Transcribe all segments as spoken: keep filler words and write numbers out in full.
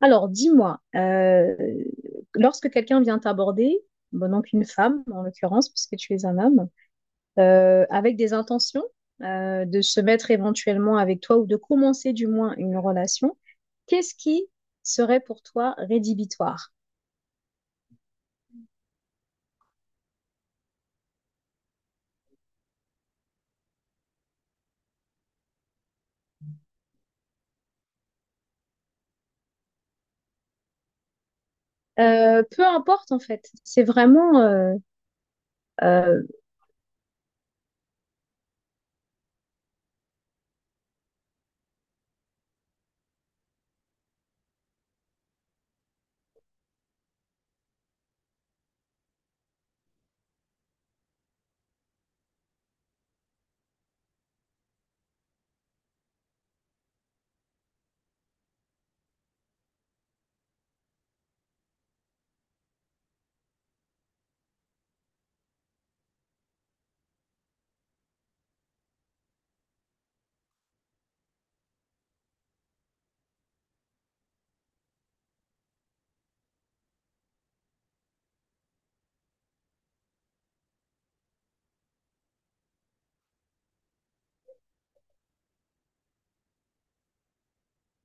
Alors, dis-moi, euh, lorsque quelqu'un vient t'aborder, bon, donc une femme en l'occurrence, puisque tu es un homme, euh, avec des intentions euh, de se mettre éventuellement avec toi ou de commencer du moins une relation, qu'est-ce qui serait pour toi rédhibitoire? Euh, peu importe en fait, c'est vraiment. euh, euh,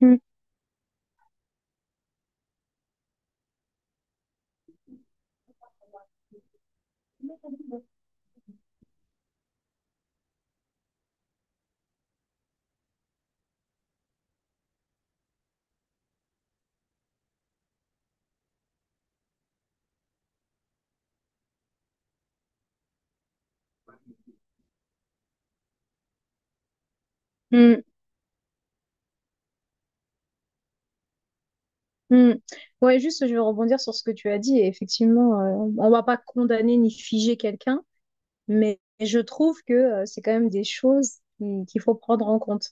mm, mm, mm. Ouais, juste je vais rebondir sur ce que tu as dit et effectivement, euh, on ne va pas condamner ni figer quelqu'un. Mais je trouve que euh, c'est quand même des choses qui- qu'il faut prendre en compte.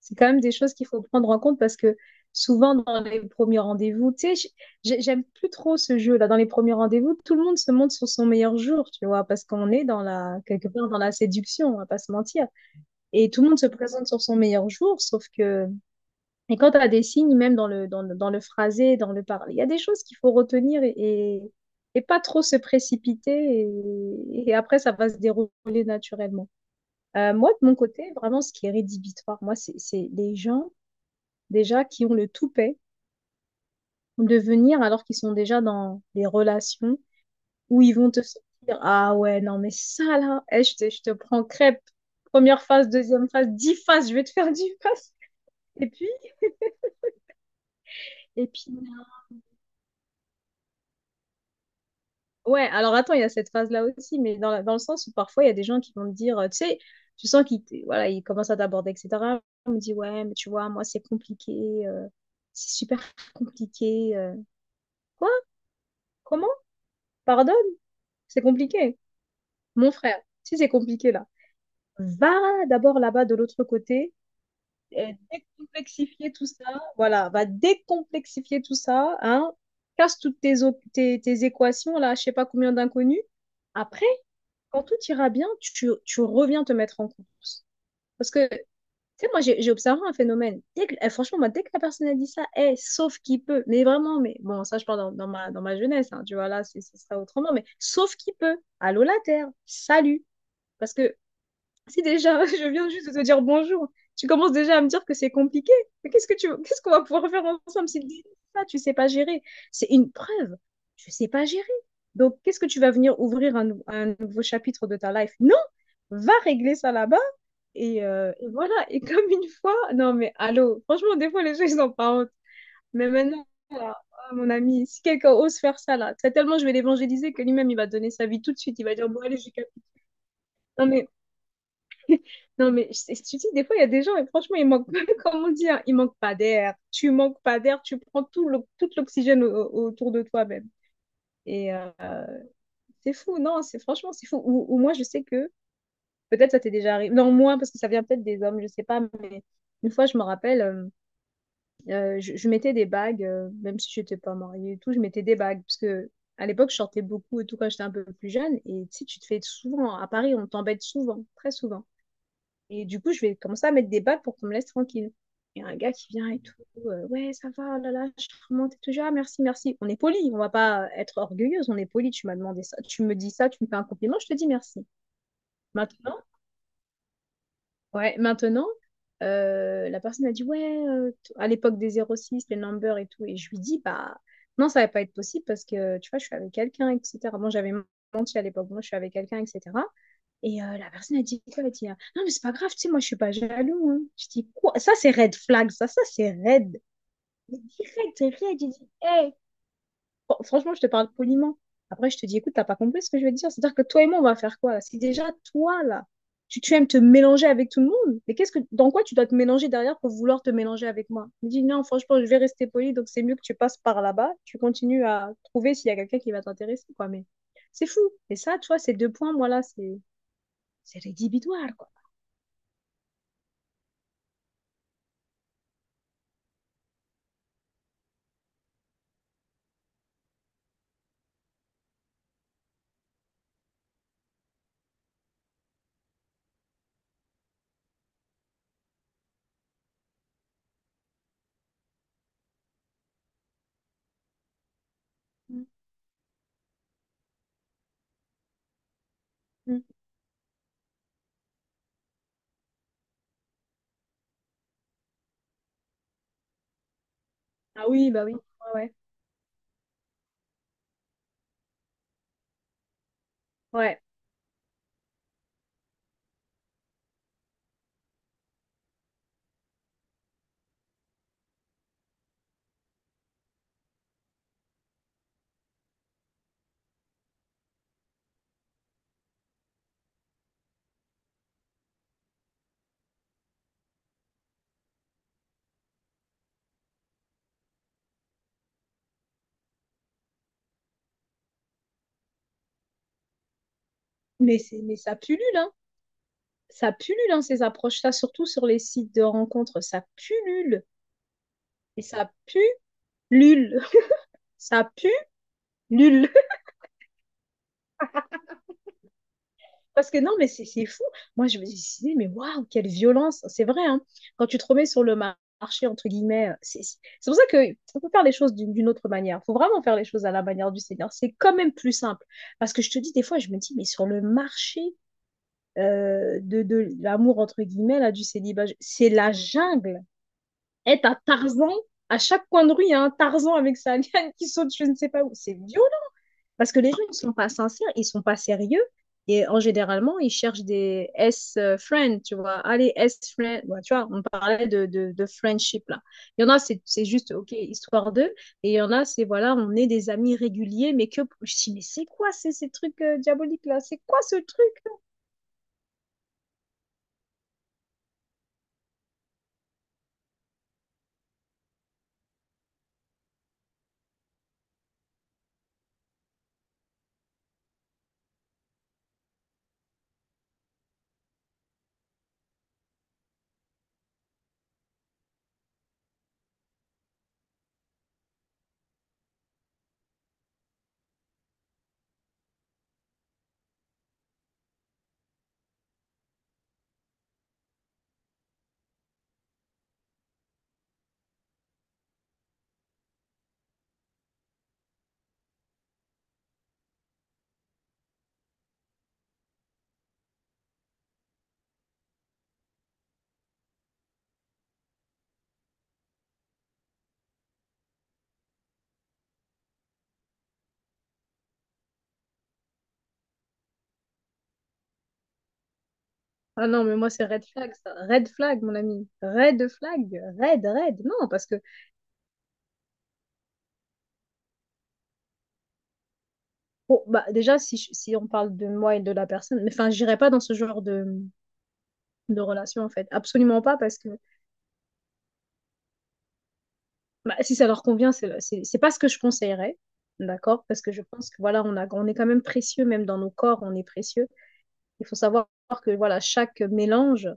C'est quand même des choses qu'il faut prendre en compte parce que souvent dans les premiers rendez-vous, tu sais, j- j'ai- j'aime plus trop ce jeu-là. Dans les premiers rendez-vous, tout le monde se montre sur son meilleur jour, tu vois, parce qu'on est dans la, quelque part dans la séduction, on va pas se mentir. Et tout le monde se présente sur son meilleur jour, sauf que et quand tu as des signes, même dans le, dans le, dans le phrasé, dans le parler, il y a des choses qu'il faut retenir, et, et, et pas trop se précipiter. Et, et après, ça va se dérouler naturellement. Euh, moi, de mon côté, vraiment, ce qui est rédhibitoire, moi, c'est c'est les gens déjà qui ont le toupet de venir alors qu'ils sont déjà dans des relations où ils vont te dire, « Ah ouais, non, mais ça là, eh, je te, je te prends crêpe. Première phase, deuxième phase, dix phases, je vais te faire dix phases. » Et puis, et puis ouais, alors attends, il y a cette phase-là aussi, mais dans, la- dans le sens où parfois il y a des gens qui vont te dire, euh, tu sais, tu sens qu'ils t- voilà, ils commencent à t'aborder, et cetera. On me dit, ouais, mais tu vois, moi c'est compliqué, euh, c'est super compliqué. euh. Quoi? Comment? Pardonne? C'est compliqué. Mon frère, si c'est compliqué là, va d'abord là-bas de l'autre côté, et décomplexifier tout ça, voilà, va décomplexifier tout ça, hein, casse toutes tes, op- tes, tes équations là, je sais pas combien d'inconnus. Après, quand tout ira bien, tu, tu reviens te mettre en course. Parce que, tu sais, moi, j'ai j'ai observé un phénomène. Dès que- eh, franchement, moi, dès que la personne a dit ça, eh, sauf qui peut, mais vraiment, mais bon, ça, je parle dans, dans ma, dans ma jeunesse, hein, tu vois, là, c'est- ce sera autrement, mais sauf qui peut, allô la terre, salut. Parce que si déjà, je viens juste de te dire bonjour, tu commences déjà à me dire que c'est compliqué, mais qu'est-ce que tu, qu'est-ce qu'on va pouvoir faire ensemble si tu ça, tu sais pas gérer? C'est une preuve, tu sais pas gérer. Donc, qu'est-ce que tu vas venir ouvrir un, nou- un nouveau chapitre de ta life? Va régler ça là-bas. Et, euh, et voilà, et comme une fois, non mais allô, franchement, des fois les gens, ils n'ont pas honte. Mais maintenant, là, ah, mon ami, si quelqu'un ose faire ça là, c'est tellement je vais l'évangéliser que lui-même, il va donner sa vie tout de suite, il va dire, bon, allez, j'ai capté. Non mais, non mais, je- tu dis, des fois, il y a des gens, et franchement, ils manquent, comme on dit, hein, ils manquent pas d'air. Tu manques pas d'air, tu prends tout l'o- tout l'oxygène au- au- autour de toi-même. Et euh, c'est fou, non, c'est franchement, c'est fou. Ou, ou moi, je sais que. Peut-être ça t'est déjà arrivé. Non, moins, parce que ça vient peut-être des hommes, je sais pas. Mais une fois, je me rappelle, euh, euh, je, je mettais des bagues, euh, même si je n'étais pas mariée et tout, je mettais des bagues. Parce que à l'époque, je sortais beaucoup et tout quand j'étais un peu plus jeune. Et tu sais, tu te fais souvent, à Paris, on t'embête souvent, très souvent. Et du coup, je vais commencer à mettre des bagues pour qu'on me laisse tranquille. Il y a un gars qui vient et tout, euh, ouais, ça va, oh là là, je remonte et tout, ah, merci, merci. On est poli, on va pas être orgueilleuse, on est poli, tu m'as demandé ça, tu me dis ça, tu me fais un compliment, je te dis merci. Maintenant, Ouais, maintenant, euh, la personne a dit, ouais, euh, t- à l'époque des zéro six les numbers et tout. Et je lui dis, bah, non, ça va pas être possible parce que, tu vois, je suis avec quelqu'un, et cetera. Bon, j'avais menti à l'époque, moi, je suis avec quelqu'un, et cetera. Et euh, la personne a dit quoi? Elle a dit, ah, non, mais c'est pas grave, tu sais, moi, je suis pas jaloux, hein. Je dis, quoi? Ça, c'est red flag, ça, ça, c'est red. Mais direct, red, j'ai dit, hé, Fran- franchement, je te parle poliment. Après, je te dis, écoute, t'as pas compris ce que je veux te dire. C'est-à-dire que toi et moi, on va faire quoi là? Si déjà, toi, là, tu, tu aimes te mélanger avec tout le monde, mais qu'est-ce que, dans quoi tu dois te mélanger derrière pour vouloir te mélanger avec moi? Je me dis, non, franchement, je vais rester poli, donc c'est mieux que tu passes par là-bas, tu continues à trouver s'il y a quelqu'un qui va t'intéresser, quoi. Mais c'est fou. Et ça, tu vois, ces deux points, moi, là, c'est, c'est rédhibitoire, quoi. Mm, mm. Ah oui, bah oui. Ouais, ouais. Ouais. Mais c'est, mais ça pullule, hein. Ça pullule, hein, ces approches-là, surtout sur les sites de rencontres, ça pullule. Et ça pue l'ul. Ça pue l'ul. Parce que non, mais c'est c'est fou. Moi, je me disais, mais waouh, quelle violence. C'est vrai, hein. Quand tu te remets sur le marché, entre guillemets, euh, c'est c'est pour ça que on peut faire les choses d'une d'une autre manière. Il faut vraiment faire les choses à la manière du Seigneur. C'est quand même plus simple. Parce que je te dis, des fois, je me dis, mais sur le marché euh, de, de l'amour, entre guillemets, là, du célibat, c'est la jungle. Être à Tarzan, à chaque coin de rue, il y a un Tarzan avec sa liane qui saute, je ne sais pas où. C'est violent. Parce que les gens, ils sont pas sincères, ils sont pas sérieux. Et en généralement, ils cherchent des S-friends, tu vois. Allez, S-friends. Ouais, tu vois, on parlait de, de, de friendship, là. Il y en a, c'est c'est juste, OK, histoire d'eux. Et il y en a, c'est, voilà, on est des amis réguliers, mais que... Je dis, mais c'est quoi ces, ces trucs euh, diaboliques, là? C'est quoi ce truc? Ah non, mais moi, c'est red flag, ça. Red flag, mon ami. Red flag. Red, red. Non, parce que... Bon, bah, déjà, si, je- si on parle de moi et de la personne... Mais enfin, j'irai pas dans ce genre de de relation, en fait. Absolument pas, parce que bah, si ça leur convient, c'est c'est- c'est pas ce que je conseillerais, d'accord? Parce que je pense que, voilà, on a, on est quand même précieux, même dans nos corps, on est précieux. Il faut savoir que, voilà, chaque mélange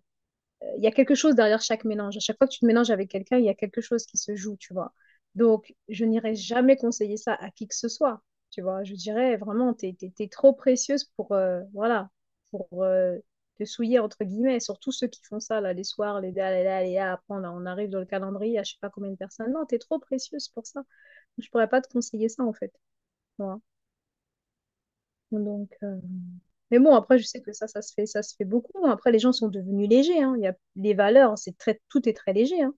il y a quelque chose derrière chaque mélange. À chaque fois que tu te mélanges avec quelqu'un, il y a quelque chose qui se joue, tu vois. Donc, je n'irai jamais conseiller ça à qui que ce soit, tu vois. Je dirais vraiment, t'es, t'es, t'es trop précieuse pour, euh, voilà, pour euh, te souiller, entre guillemets, surtout ceux qui font ça, là, les soirs, les là, les là, les là, après, on, on arrive dans le calendrier à je sais pas combien de personnes. Non, t'es trop précieuse pour ça. Je pourrais pas te conseiller ça, en fait. tu donc, euh, Mais bon, après, je sais que ça, ça se fait, ça se fait beaucoup. Après, les gens sont devenus légers, hein. Il y a les valeurs, c'est très, tout est très léger, hein.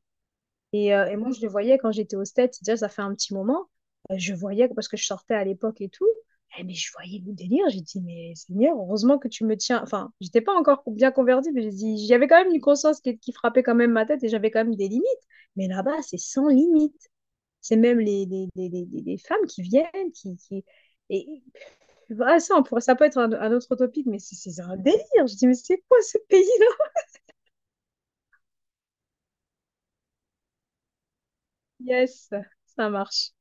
Et, euh, et moi, je le voyais quand j'étais au States, déjà, ça fait un petit moment. Euh, Je voyais, parce que je sortais à l'époque et tout. Eh, mais je voyais le délire. J'ai dit, mais Seigneur, heureusement que tu me tiens. Enfin, j'étais pas encore bien convertie, mais j'ai dit, j'avais quand même une conscience qui, qui frappait quand même ma tête et j'avais quand même des limites. Mais là-bas, c'est sans limite. C'est même les, les, les, les, les femmes qui viennent, qui, qui... Et je fais, ah, ça, on pourrait- ça peut être un, un autre topic, mais c'est c'est un délire. Je dis, mais c'est quoi ce pays-là? Yes, ça marche.